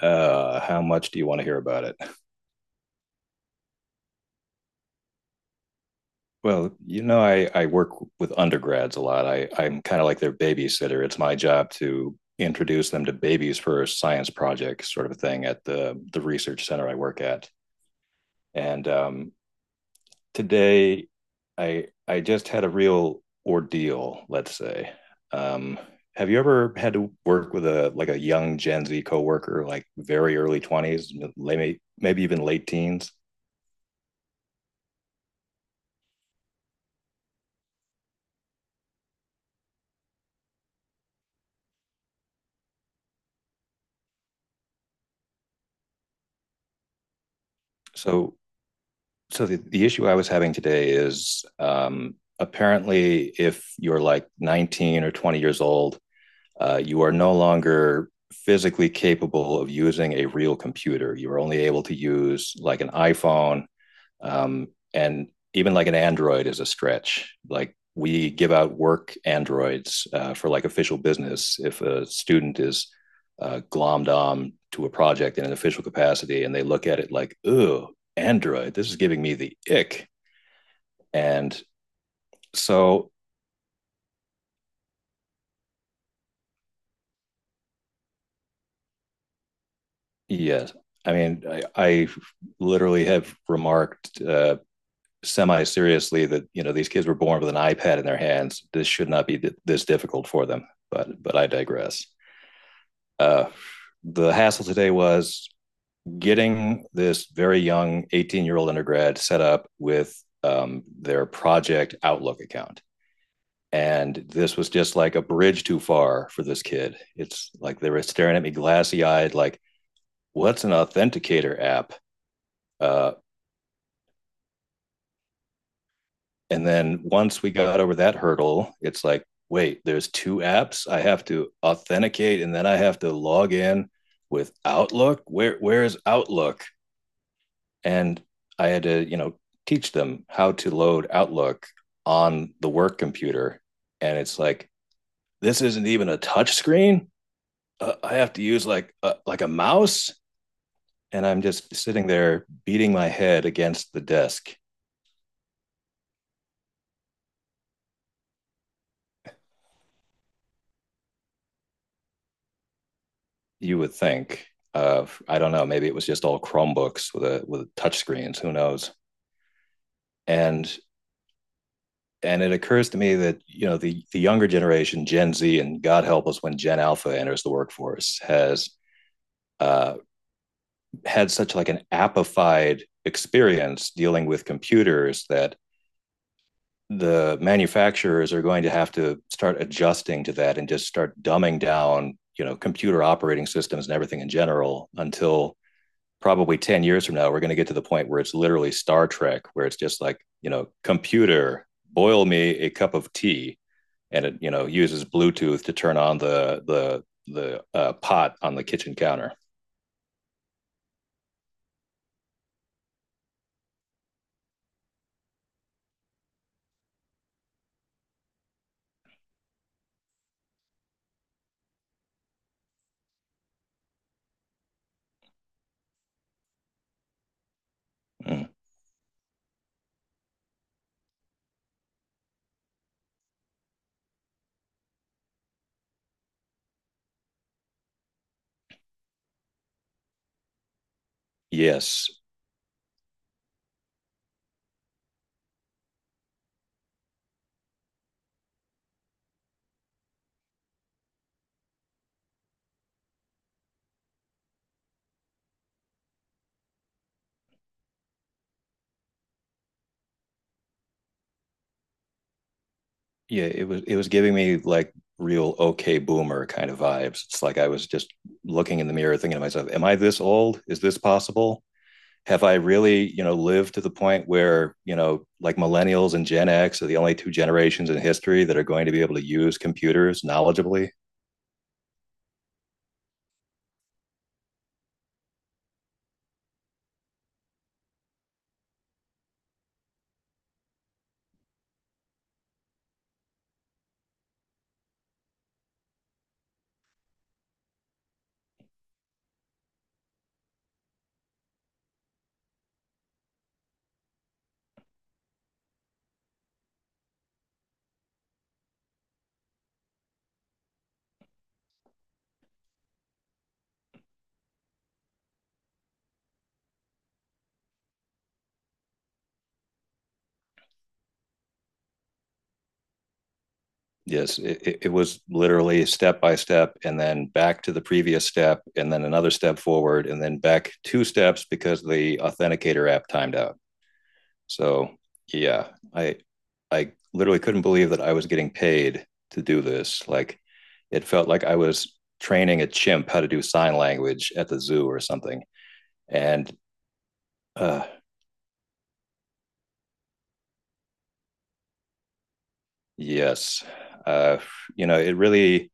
How much do you want to hear about it? Well, you know, I work with undergrads a lot. I'm kind of like their babysitter. It's my job to introduce them to babies for a science project sort of a thing at the research center I work at. And today I just had a real ordeal, let's say. Um, have you ever had to work with a like a young Gen Z coworker, like very early twenties, maybe even late teens? So so the issue I was having today is apparently if you're like 19 or 20 years old, you are no longer physically capable of using a real computer. You are only able to use like an iPhone um, and even like an Android is a stretch. Like we give out work Androids for like official business. If a student is glommed on to a project in an official capacity and they look at it like, ooh, Android, this is giving me the ick. And so, yes, I mean, I literally have remarked semi seriously that, you know, these kids were born with an iPad in their hands. This should not be this difficult for them. But I digress. Uh, the hassle today was getting this very young 18-year-old undergrad set up with their project Outlook account. And this was just like a bridge too far for this kid. It's like they were staring at me glassy eyed, like, what's an authenticator app? Uh, and then once we got over that hurdle, it's like, wait, there's two apps. I have to authenticate and then I have to log in with Outlook. Where is Outlook? And I had to, you know, teach them how to load Outlook on the work computer. And it's like, this isn't even a touch screen. I have to use like a mouse, and I'm just sitting there beating my head against the desk. You would think, of I don't know, maybe it was just all Chromebooks with with touch screens. Who knows? And and it occurs to me that you know the younger generation, Gen Z, and God help us when Gen Alpha enters the workforce, has uh, had such like an appified experience dealing with computers that the manufacturers are going to have to start adjusting to that and just start dumbing down, you know, computer operating systems and everything in general until probably 10 years from now we're going to get to the point where it's literally Star Trek where it's just like, you know, computer, boil me a cup of tea, and it, you know, uses Bluetooth to turn on the pot on the kitchen counter. Mm. Yes. Yeah, it was giving me like real okay boomer kind of vibes. It's like I was just looking in the mirror thinking to myself, am I this old? Is this possible? Have I really, you know, lived to the point where, you know, like millennials and Gen X are the only two generations in history that are going to be able to use computers knowledgeably? Yes, it was literally step by step and then back to the previous step and then another step forward and then back two steps because the authenticator app timed out. So yeah, I I literally couldn't believe that I was getting paid to do this. Like it felt like I was training a chimp how to do sign language at the zoo or something. And uh, yes, uh, you know, it really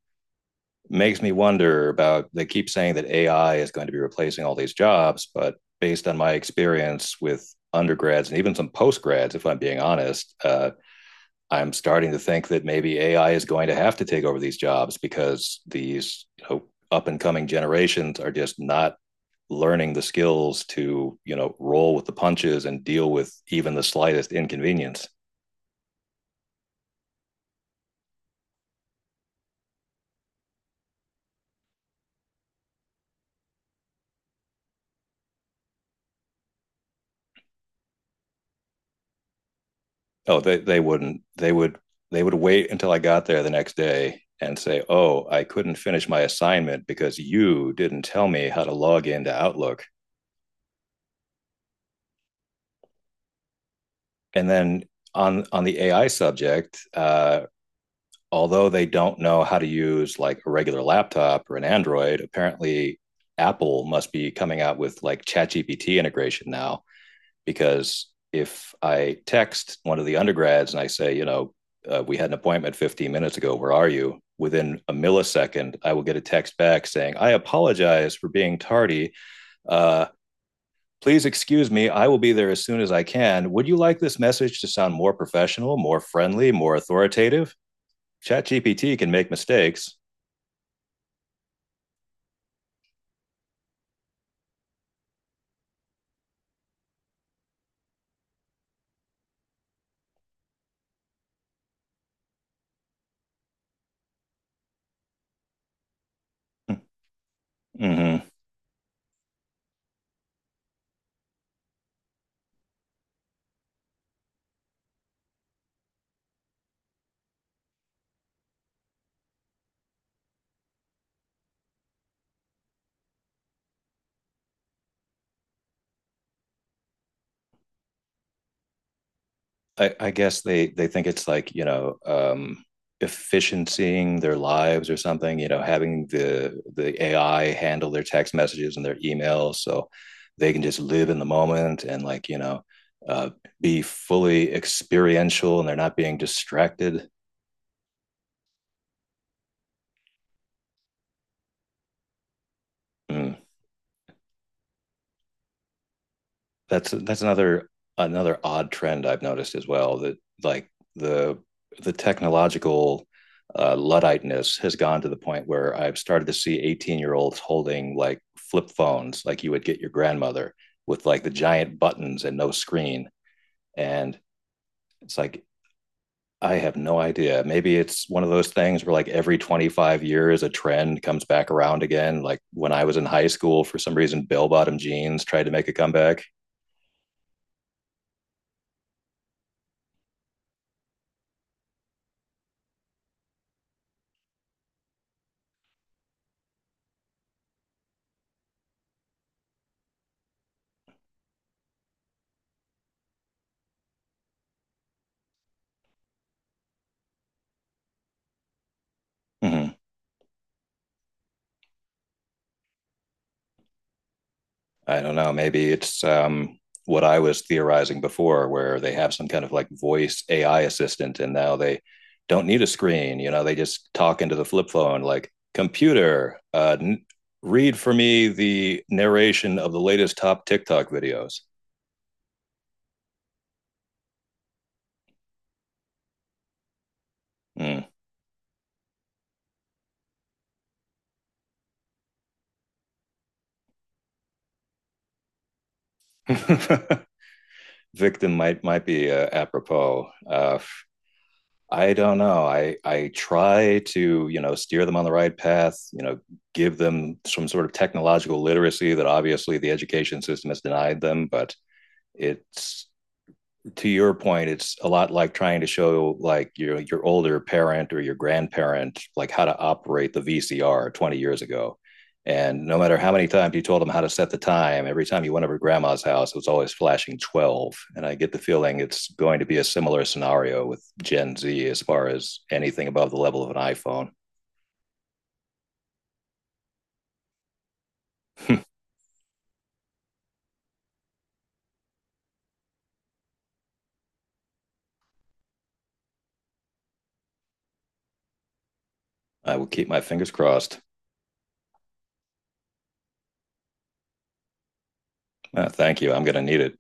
makes me wonder about. They keep saying that AI is going to be replacing all these jobs, but based on my experience with undergrads and even some postgrads, if I'm being honest, I'm starting to think that maybe AI is going to have to take over these jobs because these, you know, up and coming generations are just not learning the skills to, you know, roll with the punches and deal with even the slightest inconvenience. Oh, they wouldn't. They would wait until I got there the next day and say, "Oh, I couldn't finish my assignment because you didn't tell me how to log into Outlook." And then on the AI subject, although they don't know how to use like a regular laptop or an Android, apparently Apple must be coming out with like ChatGPT integration now. Because if I text one of the undergrads and I say, you know, we had an appointment 15 minutes ago, where are you? Within a millisecond, I will get a text back saying, I apologize for being tardy. Uh, Please excuse me. I will be there as soon as I can. Would you like this message to sound more professional, more friendly, more authoritative? ChatGPT can make mistakes. Hmm. I guess they think it's like, you know, efficiencying their lives or something. You know, having the AI handle their text messages and their emails, so they can just live in the moment and like, you know, uh, be fully experiential, and they're not being distracted. Mm. That's another odd trend I've noticed as well that like the technological ludditeness has gone to the point where I've started to see 18-year-olds holding like flip phones like you would get your grandmother with like the giant buttons and no screen, and it's like I have no idea. Maybe it's one of those things where like every 25 years a trend comes back around again. Like when I was in high school, for some reason, bell bottom jeans tried to make a comeback. Mm-hmm. I don't know. Maybe it's what I was theorizing before, where they have some kind of like voice AI assistant, and now they don't need a screen. You know, they just talk into the flip phone, like computer, read for me the narration of the latest top TikTok videos. Mm. Victim might be apropos. I don't know. I try to, you know, steer them on the right path, you know, give them some sort of technological literacy that obviously the education system has denied them, but it's, to your point, it's a lot like trying to show like your older parent or your grandparent like how to operate the VCR 20 years ago. And no matter how many times you told them how to set the time, every time you went over to grandma's house, it was always flashing 12. And I get the feeling it's going to be a similar scenario with Gen Z as far as anything above the level of an iPhone. I will keep my fingers crossed. Thank you. I'm going to need it.